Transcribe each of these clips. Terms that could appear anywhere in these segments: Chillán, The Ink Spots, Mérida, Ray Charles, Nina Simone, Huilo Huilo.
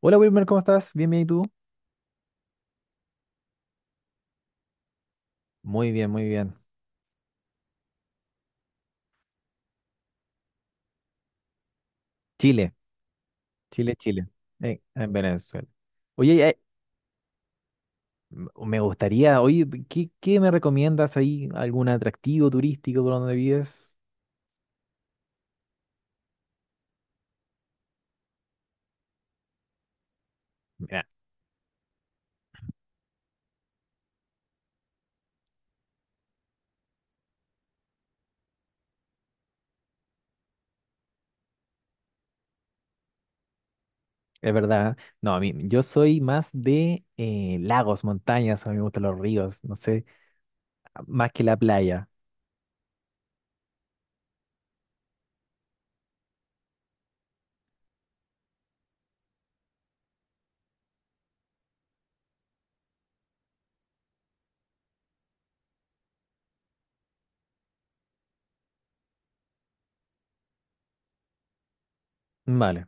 Hola Wilmer, ¿cómo estás? Bien, bien, ¿y tú? Muy bien, muy bien. Chile, Chile, Chile, en Venezuela. Oye, me gustaría, oye, ¿qué me recomiendas ahí? ¿Algún atractivo turístico por donde vives? Mira, es verdad. ¿Eh? No, a mí, yo soy más de lagos, montañas, a mí me gustan los ríos, no sé, más que la playa. Vale.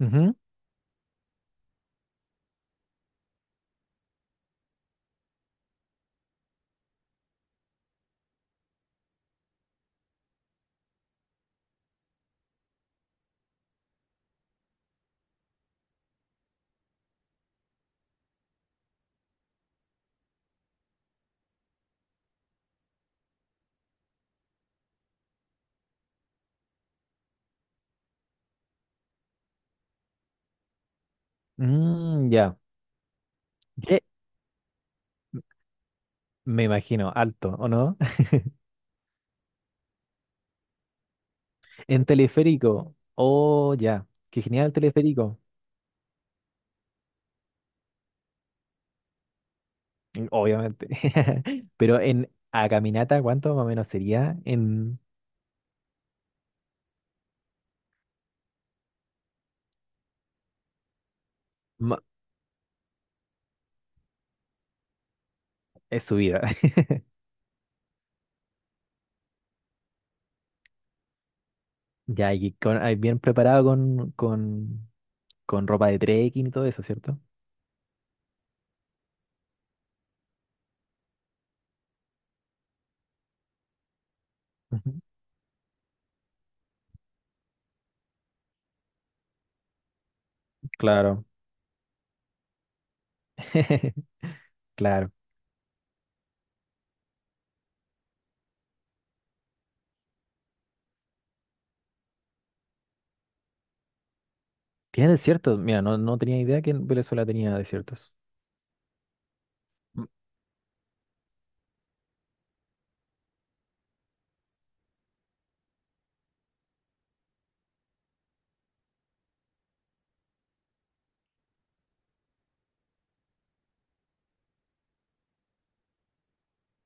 Ujú. Mm, ya. ¿Qué? Me imagino, alto, ¿o no? En teleférico. Oh, ya. Qué genial el teleférico. Obviamente. Pero en a caminata, ¿cuánto más o menos sería ma- es subida? Ya, y con, ahí bien preparado con, con ropa de trekking y todo eso, ¿cierto? Ujú. Claro, claro. Tiene desiertos. Mira, no, no tenía idea que en Venezuela tenía desiertos. M-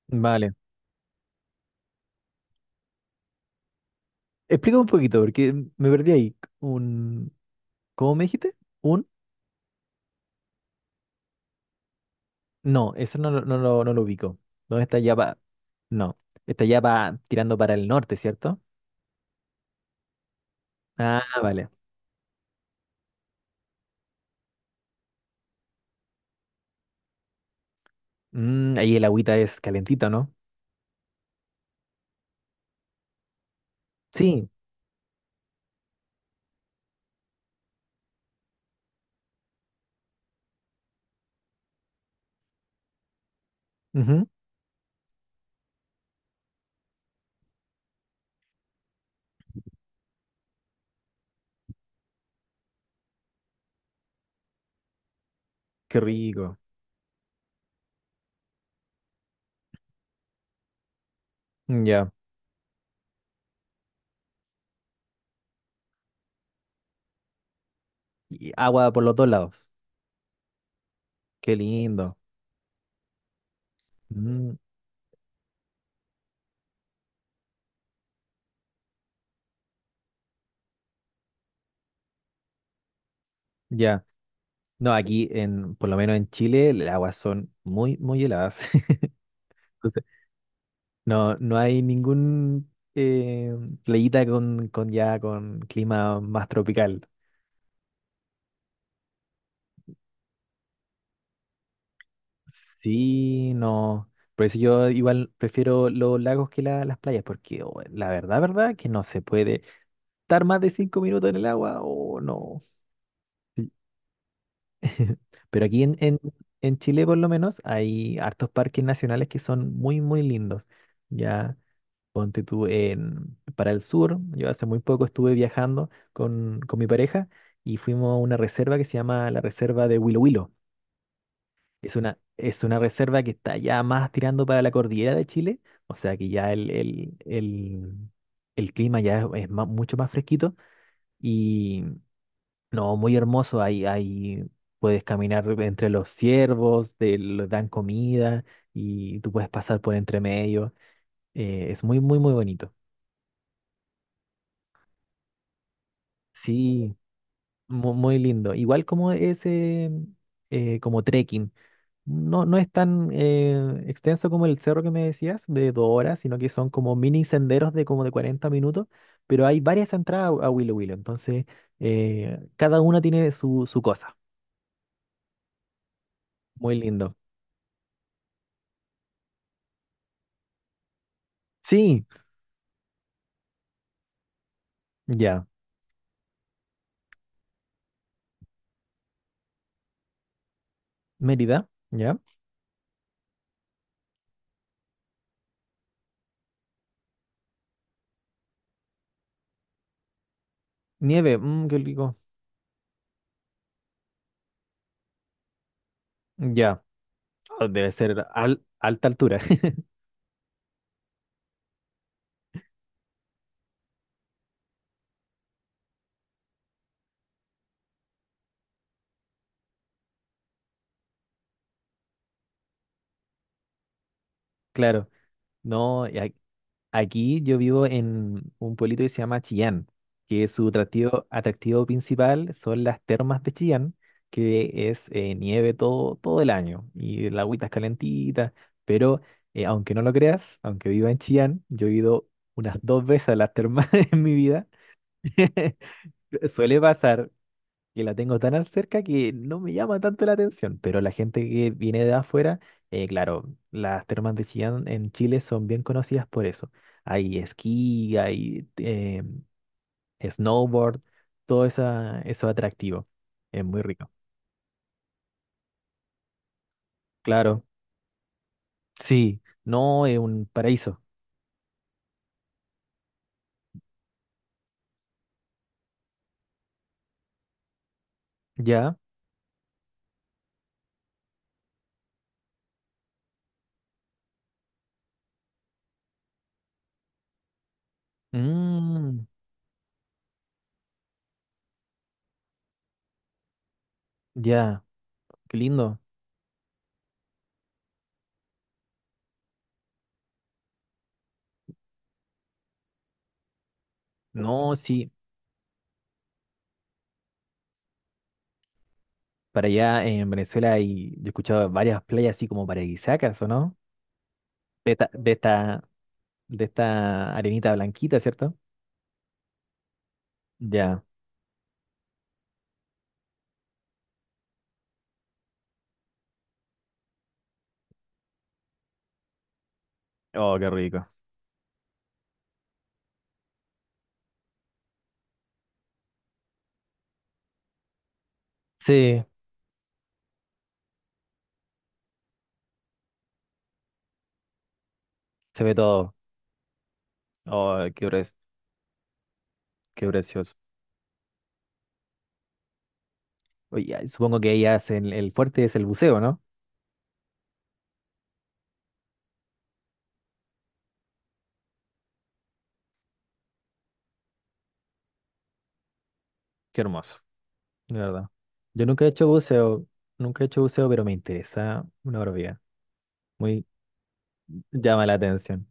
Vale. Explica un poquito, porque me perdí ahí. ¿Cómo me dijiste? Un, no, eso no, no, no lo ubico. ¿Dónde está ya va? No, está ya va tirando para el norte, ¿cierto? Ah, vale. Mm, ahí el agüita es calentita, ¿no? Sí. Ujú, qué rico. Mm, ya. Y agua por los dos lados. Qué lindo. Mm, ya. No, aquí en, por lo menos en Chile, las aguas son muy, muy heladas. Entonces, no, no hay ningún playita con ya con clima más tropical. Sí, no. Por eso yo igual prefiero los lagos que las playas, porque oh, la verdad, verdad, que no se puede estar más de 5 minutos en el agua, o no. Pero aquí en, Chile por lo menos hay hartos parques nacionales que son muy, muy lindos. Ya, ponte tú en, para el sur, yo hace muy poco estuve viajando con, mi pareja y fuimos a una reserva que se llama la Reserva de Huilo Huilo. Es una reserva que está ya más tirando para la cordillera de Chile, o sea que ya el clima ya es mucho más fresquito, no, muy hermoso. Ahí, ahí puedes caminar entre los ciervos, dan comida y tú puedes pasar por entre medio. Es muy, muy, muy bonito. Sí, muy lindo. Igual como ese, como trekking. No, no es tan extenso como el cerro que me decías, de 2 horas, sino que son como mini senderos de como de 40 minutos, pero hay varias entradas a Willow Willow. Entonces, cada una tiene su, cosa. Muy lindo. Sí, ya. Mérida, ¿ya? Nieve, mm, qué rico. Ya, ah, debe ser alta altura, claro. No, y aquí yo vivo en un pueblito que se llama Chillán, que su atractivo, atractivo principal son las termas de Chillán, que es nieve todo, todo el año y la agüita es calentita, pero aunque no lo creas, aunque viva en Chillán, yo he ido unas dos veces a las termas en mi vida. Suele pasar, que la tengo tan al cerca que no me llama tanto la atención, pero la gente que viene de afuera, claro, las termas de Chillán en Chile son bien conocidas por eso. Hay esquí, hay snowboard, todo esa, eso atractivo. Es muy rico. Claro, sí, no es un paraíso. Ya, mm, ya, qué lindo. No, sí, para allá en Venezuela hay, yo he escuchado varias playas así como paradisíacas, ¿o no? De esta, de esta- de esta arenita blanquita, ¿cierto? Ya. Oh, qué rico. Sí, se ve todo. Oh, qué precioso. Oye, ay, supongo que ahí hacen el fuerte es el buceo, ¿no? Qué hermoso, de verdad. Yo nunca he hecho buceo, nunca he hecho buceo, pero me interesa una barbaridad. Muy llama la atención,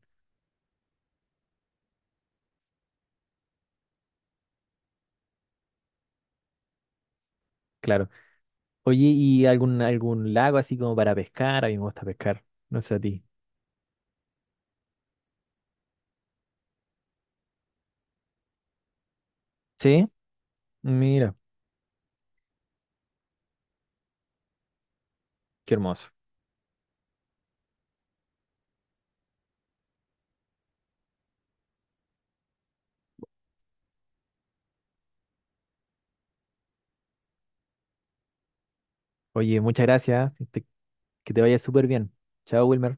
claro. Oye, ¿y algún, algún lago así como para pescar? A mí me gusta pescar, no sé a ti. ¿Sí? Mira, qué hermoso. Oye, muchas gracias. Que te vaya súper bien. Chao, Wilmer.